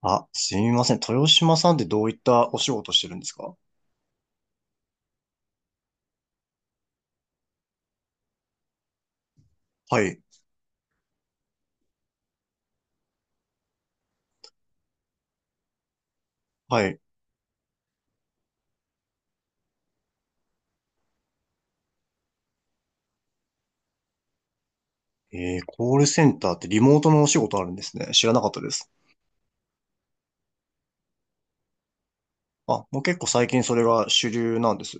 あ、すみません。豊島さんってどういったお仕事してるんですか？はい。はい。えー、コールセンターってリモートのお仕事あるんですね。知らなかったです。あ、もう結構最近それが主流なんです。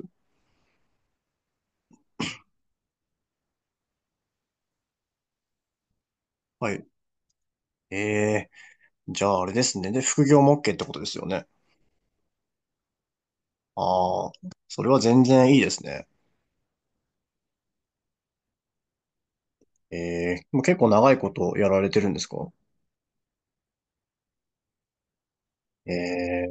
はい。えじゃああれですね。で、副業も OK ってことですよね。ああ、それは全然いいですね。えもう結構長いことやられてるんですか？ええ、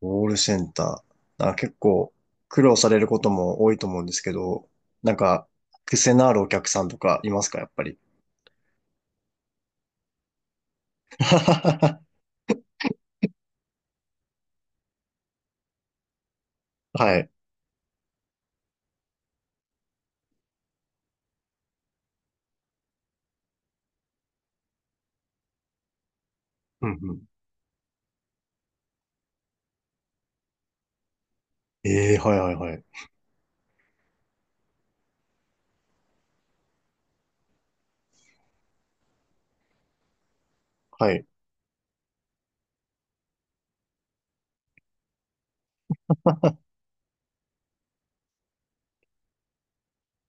コールセンター。あ、結構苦労されることも多いと思うんですけど、なんか、癖のあるお客さんとかいますか、やっぱり。はい。うんうん。ええ、はいはいはい。はい。や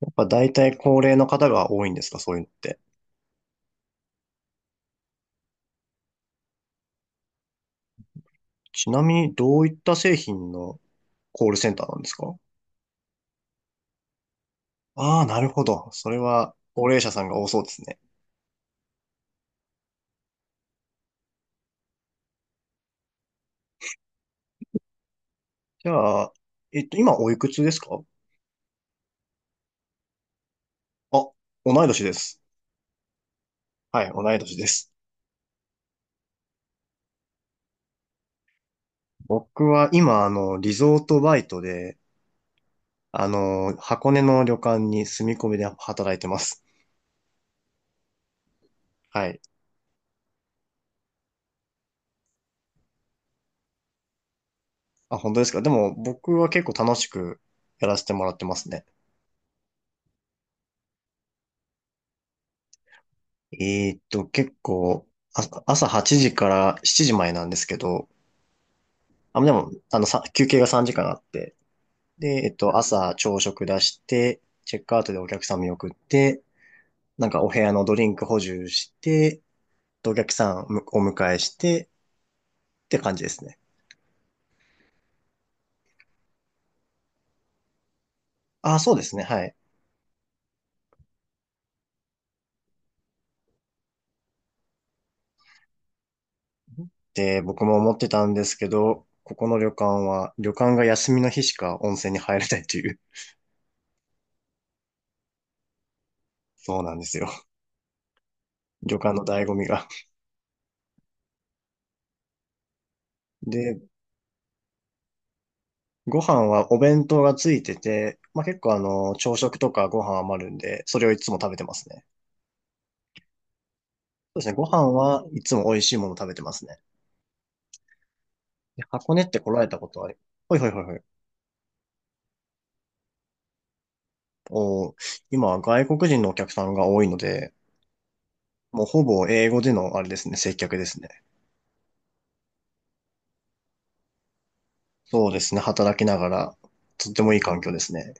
っぱ大体高齢の方が多いんですか、そういうのって。ちなみに、どういった製品のコールセンターなんですか？ああー、なるほど。それは、高齢者さんが多そうですね。じゃあ、今おいくつですか？あ、同い年です。はい、同い年です。僕は今、あの、リゾートバイトで、あの、箱根の旅館に住み込みで働いてます。はい。あ、本当ですか。でも、僕は結構楽しくやらせてもらってますね。結構、朝8時から7時前なんですけど、あ、でも、あの、休憩が3時間あって、で、朝朝食出して、チェックアウトでお客さん見送って、なんかお部屋のドリンク補充して、でお客さんをお迎えして、って感じですね。あ、そうですね。はい。って僕も思ってたんですけど、ここの旅館は、旅館が休みの日しか温泉に入れないという、そうなんですよ。旅館の醍醐味が。で、ご飯はお弁当がついてて、まあ、結構あの、朝食とかご飯余るんで、それをいつも食べてますね。そうですね、ご飯はいつも美味しいもの食べてますね。で箱根って来られたことは、ほいほいほいほい。おー、今は外国人のお客さんが多いので、もうほぼ英語でのあれですね、接客ですね。そうですね、働きながら、とってもいい環境ですね。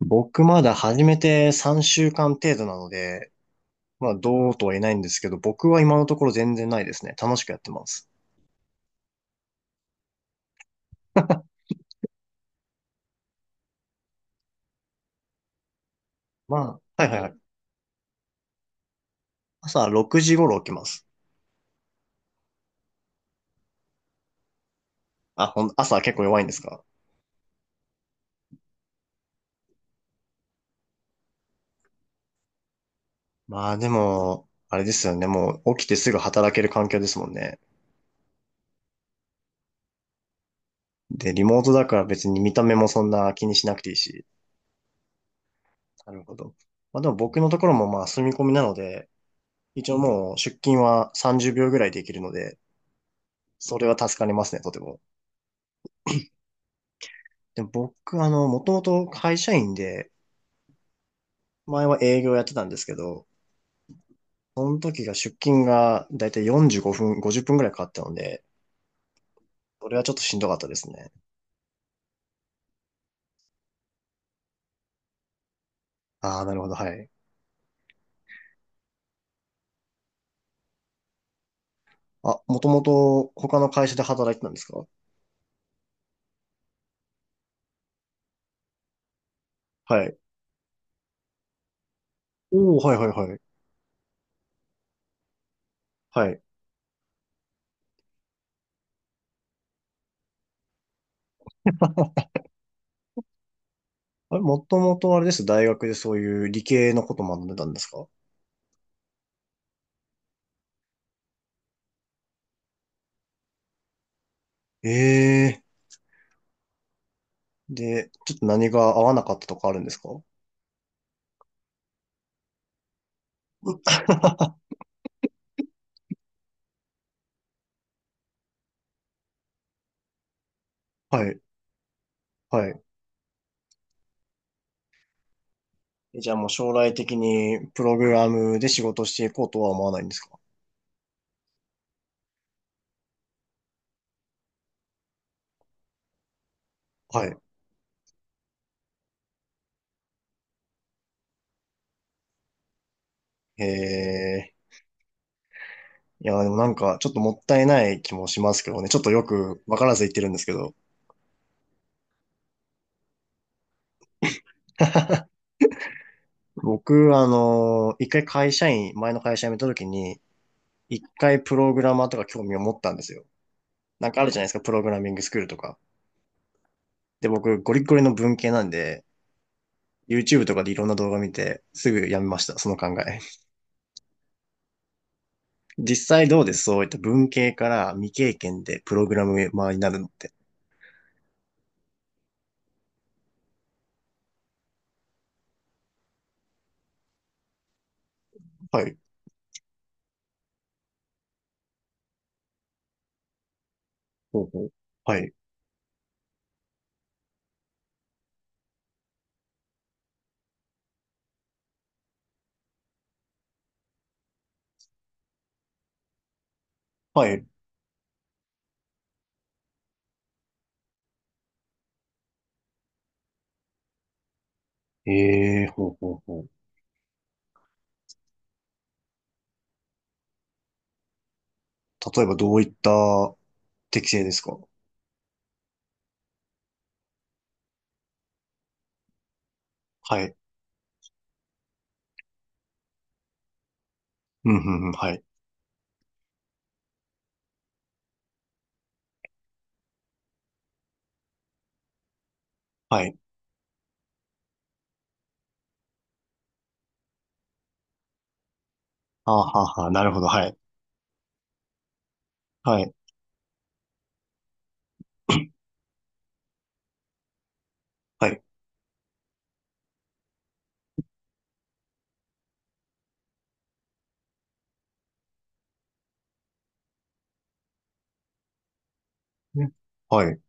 僕まだ始めて3週間程度なので、まあどうとは言えないんですけど、僕は今のところ全然ないですね。楽しくやってます。まあ、はいはいはい。朝6時頃起きます。あ、ほん、朝結構弱いんですか？まあでも、あれですよね。もう起きてすぐ働ける環境ですもんね。で、リモートだから別に見た目もそんな気にしなくていいし。なるほど。まあでも僕のところもまあ住み込みなので、一応もう出勤は30秒ぐらいできるので、それは助かりますね、とても。でも僕、あの、もともと会社員で、前は営業やってたんですけど、その時が出勤がだいたい45分、50分くらいかかったので、それはちょっとしんどかったですね。ああ、なるほど、はい。あ、もともと他の会社で働いてたんですか？はい。おお、はいはいはい。はい。あれ、もともとあれです。大学でそういう理系のこと学んでたんですか？ええーで、ちょっと何が合わなかったとかあるんですか？ はい、はい。じゃあもう将来的にプログラムで仕事していこうとは思わないんですか？はい。へえ。いや、でもなんかちょっともったいない気もしますけどね。ちょっとよくわからず言ってるんですけど。僕、あの、一回会社員、前の会社辞めた時に、一回プログラマーとか興味を持ったんですよ。なんかあるじゃないですか、プログラミングスクールとか。で、僕、ゴリゴリの文系なんで、YouTube とかでいろんな動画見て、すぐやめました、その考え。実際どうです？そういった文系から未経験でプログラマーになるのって。はい。ほうほう。はい。はい。ええ、ほうほうほう。例えばどういった適性ですか？はい。うん、うん、うん、はい。はい。あはあはあ、なるほど、はい。はい。はい。ね、はい。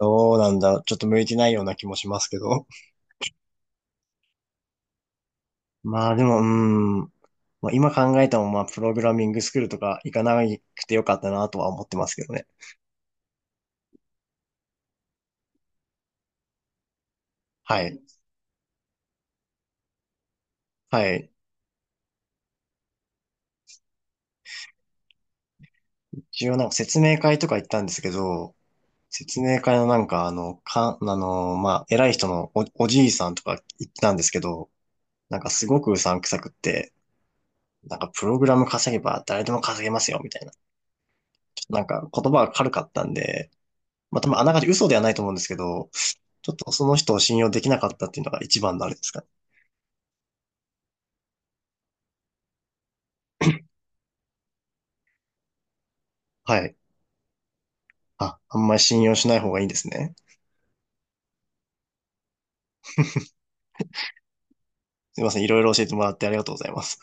どうなんだ。ちょっと向いてないような気もしますけど。まあでも、うーん。まあ、今考えても、まあ、プログラミングスクールとか行かなくてよかったなとは思ってますけどね。はい。はい。一応なんか説明会とか行ったんですけど、説明会のなんか、あの、あの、まあ、偉い人のお、おじいさんとか言ったんですけど、なんかすごくうさんくさくって、なんかプログラム稼げば誰でも稼げますよ、みたいな。ちょっとなんか言葉が軽かったんで、まあ、多分あながち嘘ではないと思うんですけど、ちょっとその人を信用できなかったっていうのが一番のあれですかね。はい。あ、あんまり信用しない方がいいんですね。すいません。いろいろ教えてもらってありがとうございます。